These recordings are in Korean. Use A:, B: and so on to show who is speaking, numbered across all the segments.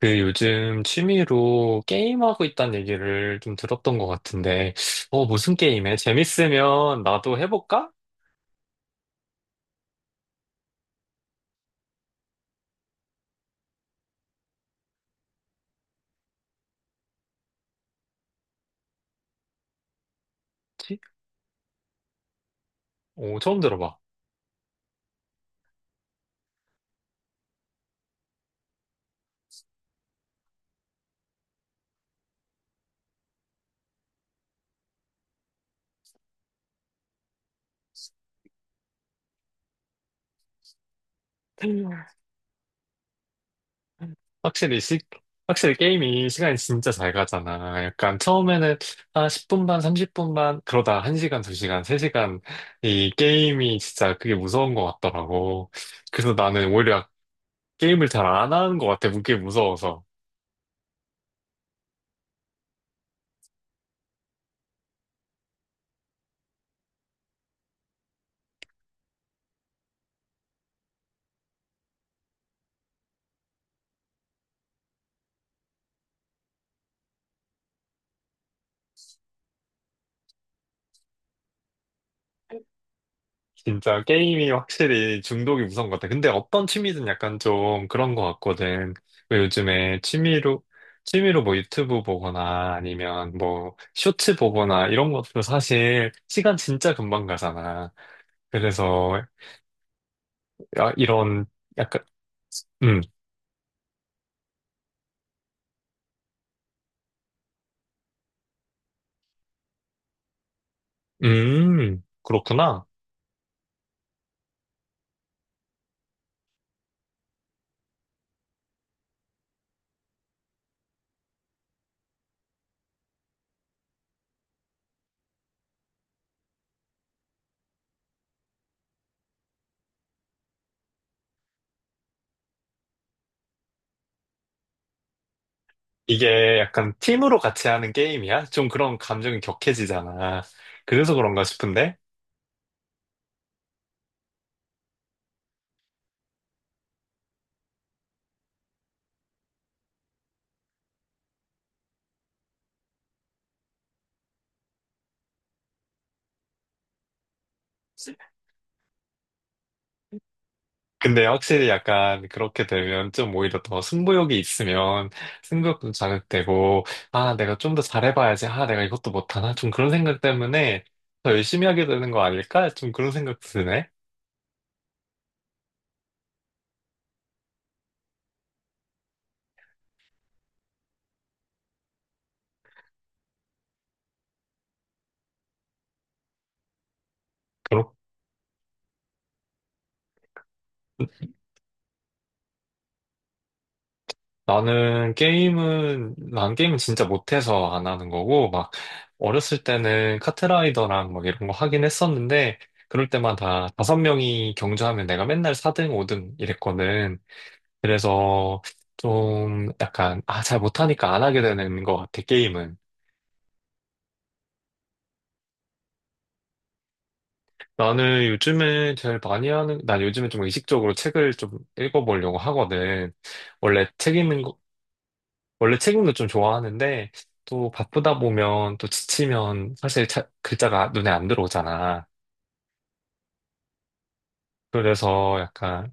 A: 그 요즘 취미로 게임하고 있다는 얘기를 좀 들었던 것 같은데, 무슨 게임해? 재밌으면 나도 해볼까? 치? 오, 처음 들어봐. 확실히 시, 확실히 게임이 시간이 진짜 잘 가잖아. 약간 처음에는 한 10분 반, 30분 반, 그러다 1시간, 2시간, 3시간. 이 게임이 진짜 그게 무서운 것 같더라고. 그래서 나는 오히려 게임을 잘 안 하는 것 같아. 그게 무서워서. 진짜 게임이 확실히 중독이 무서운 것 같아. 근데 어떤 취미든 약간 좀 그런 것 같거든. 왜 요즘에 취미로, 취미로 뭐 유튜브 보거나 아니면 뭐 쇼츠 보거나 이런 것도 사실 시간 진짜 금방 가잖아. 그래서 이런 약간, 음, 그렇구나. 이게 약간 팀으로 같이 하는 게임이야? 좀 그런 감정이 격해지잖아. 그래서 그런가 싶은데? 근데 확실히 약간 그렇게 되면 좀 오히려 더 승부욕이 있으면 승부욕도 자극되고, 아, 내가 좀 더 잘해봐야지. 아, 내가 이것도 못하나? 좀 그런 생각 때문에 더 열심히 하게 되는 거 아닐까? 좀 그런 생각 드네. 그렇 난 게임은 진짜 못해서 안 하는 거고, 막, 어렸을 때는 카트라이더랑 막 이런 거 하긴 했었는데, 그럴 때마다 다섯 명이 경주하면 내가 맨날 4등, 5등 이랬거든. 그래서 좀 약간, 아, 잘 못하니까 안 하게 되는 것 같아, 게임은. 나는 요즘에 제일 많이 하는, 난 요즘에 좀 의식적으로 책을 좀 읽어보려고 하거든. 원래 책 읽는 거, 원래 책 읽는 거 좀 좋아하는데, 또 바쁘다 보면 또 지치면 사실 글자가 눈에 안 들어오잖아. 그래서 약간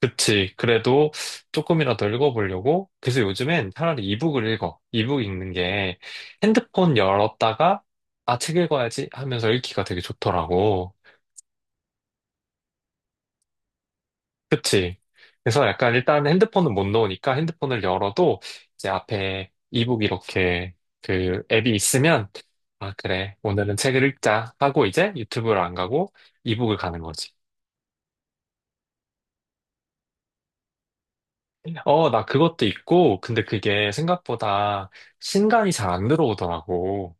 A: 그치. 그래도 조금이라도 읽어보려고. 그래서 요즘엔 차라리 이북을 읽어. 이북 읽는 게 핸드폰 열었다가, 아, 책 읽어야지 하면서 읽기가 되게 좋더라고. 그치. 그래서 약간 일단 핸드폰은 못 넣으니까 핸드폰을 열어도 이제 앞에 이북 이렇게 그 앱이 있으면, 아, 그래. 오늘은 책을 읽자 하고 이제 유튜브를 안 가고 이북을 가는 거지. 어, 나 그것도 있고, 근데 그게 생각보다 신간이 잘 안 들어오더라고.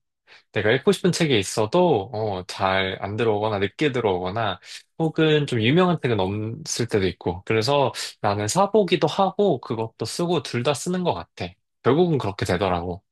A: 내가 읽고 싶은 책이 있어도 어, 잘 안 들어오거나 늦게 들어오거나 혹은 좀 유명한 책은 없을 때도 있고 그래서 나는 사보기도 하고 그것도 쓰고 둘 다 쓰는 것 같아. 결국은 그렇게 되더라고.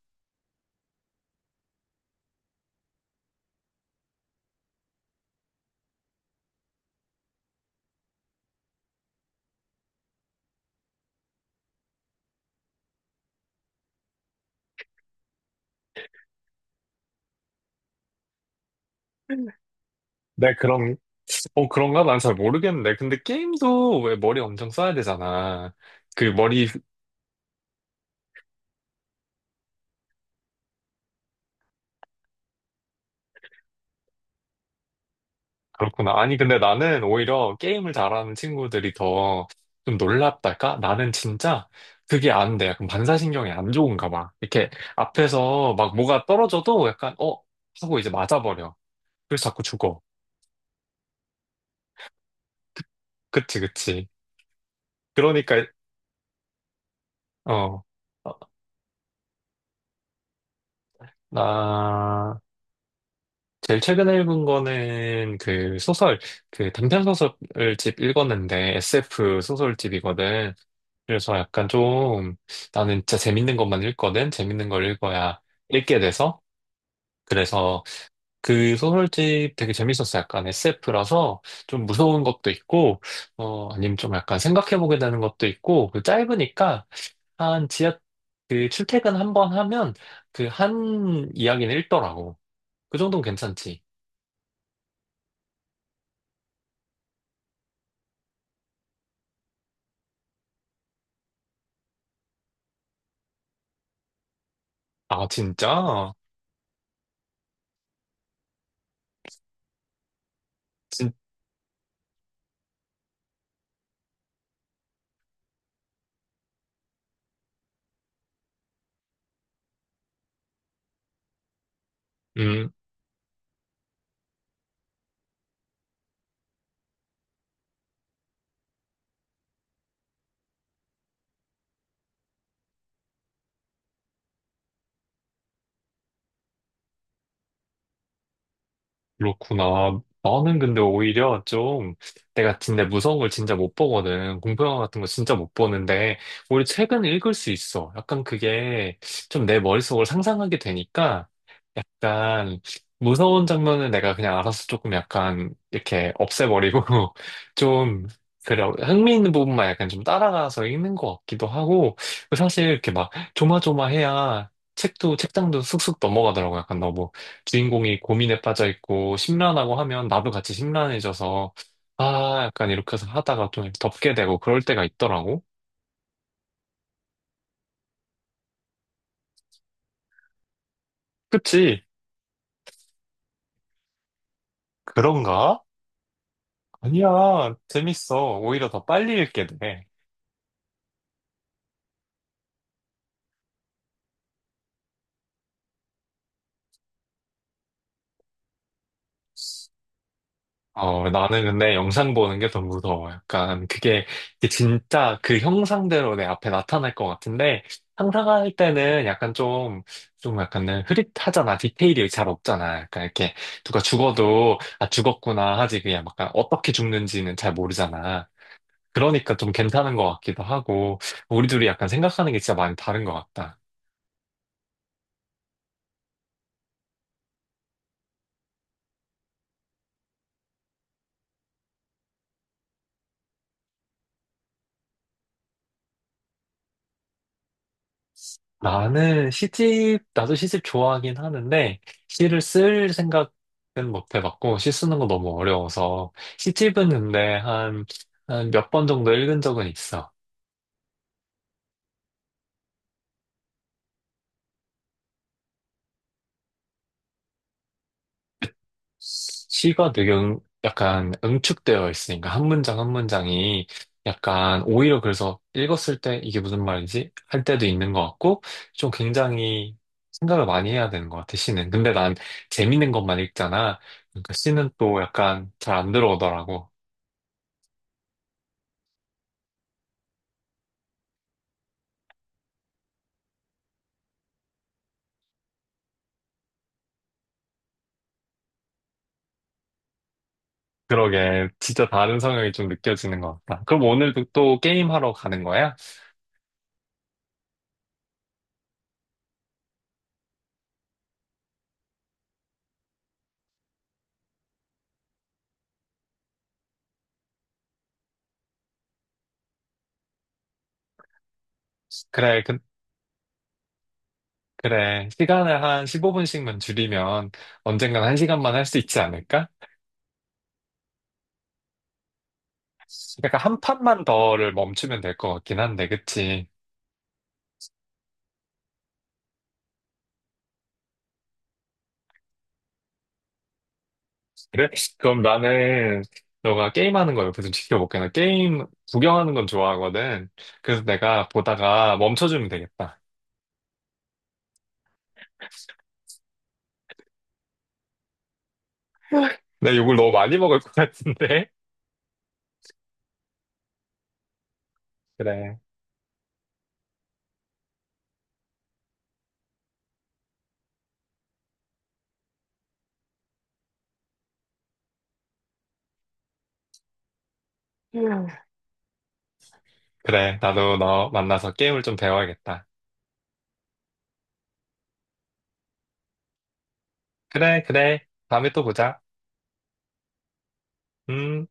A: 네, 그럼 어, 그런가? 난 잘 모르겠는데. 근데 게임도 왜 머리 엄청 써야 되잖아. 그 머리 그렇구나. 아니, 근데 나는 오히려 게임을 잘하는 친구들이 더 좀 놀랍달까? 나는 진짜 그게 안 돼. 약간 반사신경이 안 좋은가 봐. 이렇게 앞에서 막 뭐가 떨어져도 약간, 어? 하고 이제 맞아버려. 그래서 자꾸 죽어. 그치, 그치. 그러니까, 어, 어, 나, 제일 최근에 읽은 거는 그 단편 소설집 읽었는데 SF 소설집이거든. 그래서 약간 좀 나는 진짜 재밌는 것만 읽거든. 재밌는 걸 읽어야 읽게 돼서. 그래서 그 소설집 되게 재밌었어. 약간 SF라서 좀 무서운 것도 있고, 어, 아니면 좀 약간 생각해보게 되는 것도 있고, 그 짧으니까 한 지하, 그 출퇴근 한 번 하면 그 한 이야기는 읽더라고. 그 정도면 괜찮지. 아, 진짜? 진, 음, 그렇구나. 나는 근데 오히려 좀, 내가 진짜 무서운 걸 진짜 못 보거든. 공포영화 같은 거 진짜 못 보는데, 오히려 책은 읽을 수 있어. 약간 그게 좀 내 머릿속을 상상하게 되니까, 약간 무서운 장면은 내가 그냥 알아서 조금 약간 이렇게 없애버리고 좀 그래 흥미있는 부분만 약간 좀 따라가서 읽는 것 같기도 하고 그 사실 이렇게 막 조마조마해야 책도 책장도 쑥쑥 넘어가더라고. 약간 너무 주인공이 고민에 빠져 있고 심란하고 하면 나도 같이 심란해져서 아 약간 이렇게 해서 하다가 좀 덮게 되고 그럴 때가 있더라고. 그치. 그런가. 아니야, 재밌어. 오히려 더 빨리 읽게 돼. 어, 나는 근데 영상 보는 게 더 무서워. 약간 그게 이게 진짜 그 형상대로 내 앞에 나타날 것 같은데 상상할 때는 약간 좀, 좀 약간은 흐릿하잖아. 디테일이 잘 없잖아. 약간 이렇게 누가 죽어도 아, 죽었구나 하지. 그냥 약간 어떻게 죽는지는 잘 모르잖아. 그러니까 좀 괜찮은 것 같기도 하고 우리 둘이 약간 생각하는 게 진짜 많이 다른 것 같다. 나도 시집 좋아하긴 하는데, 시를 쓸 생각은 못 해봤고, 시 쓰는 거 너무 어려워서, 시집은 근데 한, 한 몇 번 정도 읽은 적은 있어. 시가 되게 약간 응축되어 있으니까, 한 문장 한 문장이 약간, 오히려 그래서 읽었을 때 이게 무슨 말이지? 할 때도 있는 것 같고, 좀 굉장히 생각을 많이 해야 되는 것 같아, 시는. 근데 난 재밌는 것만 읽잖아. 그러니까 시는 또 약간 잘 안 들어오더라고. 그러게. 진짜 다른 성향이 좀 느껴지는 것 같다. 그럼 오늘도 또 게임하러 가는 거야? 그래, 그, 그래. 시간을 한 15분씩만 줄이면 언젠간 한시간만 할 수 있지 않을까? 약간 한 판만 더를 멈추면 될 것 같긴 한데, 그치? 그래? 그럼 나는 너가 게임하는 거 옆에서 지켜볼게. 나 게임 구경하는 건 좋아하거든. 그래서 내가 보다가 멈춰주면 되겠다. 나 욕을 너무 많이 먹을 것 같은데? 그래. 그래. 나도 너 만나서 게임을 좀 배워야겠다. 그래, 그래. 다음에 또 보자. 음.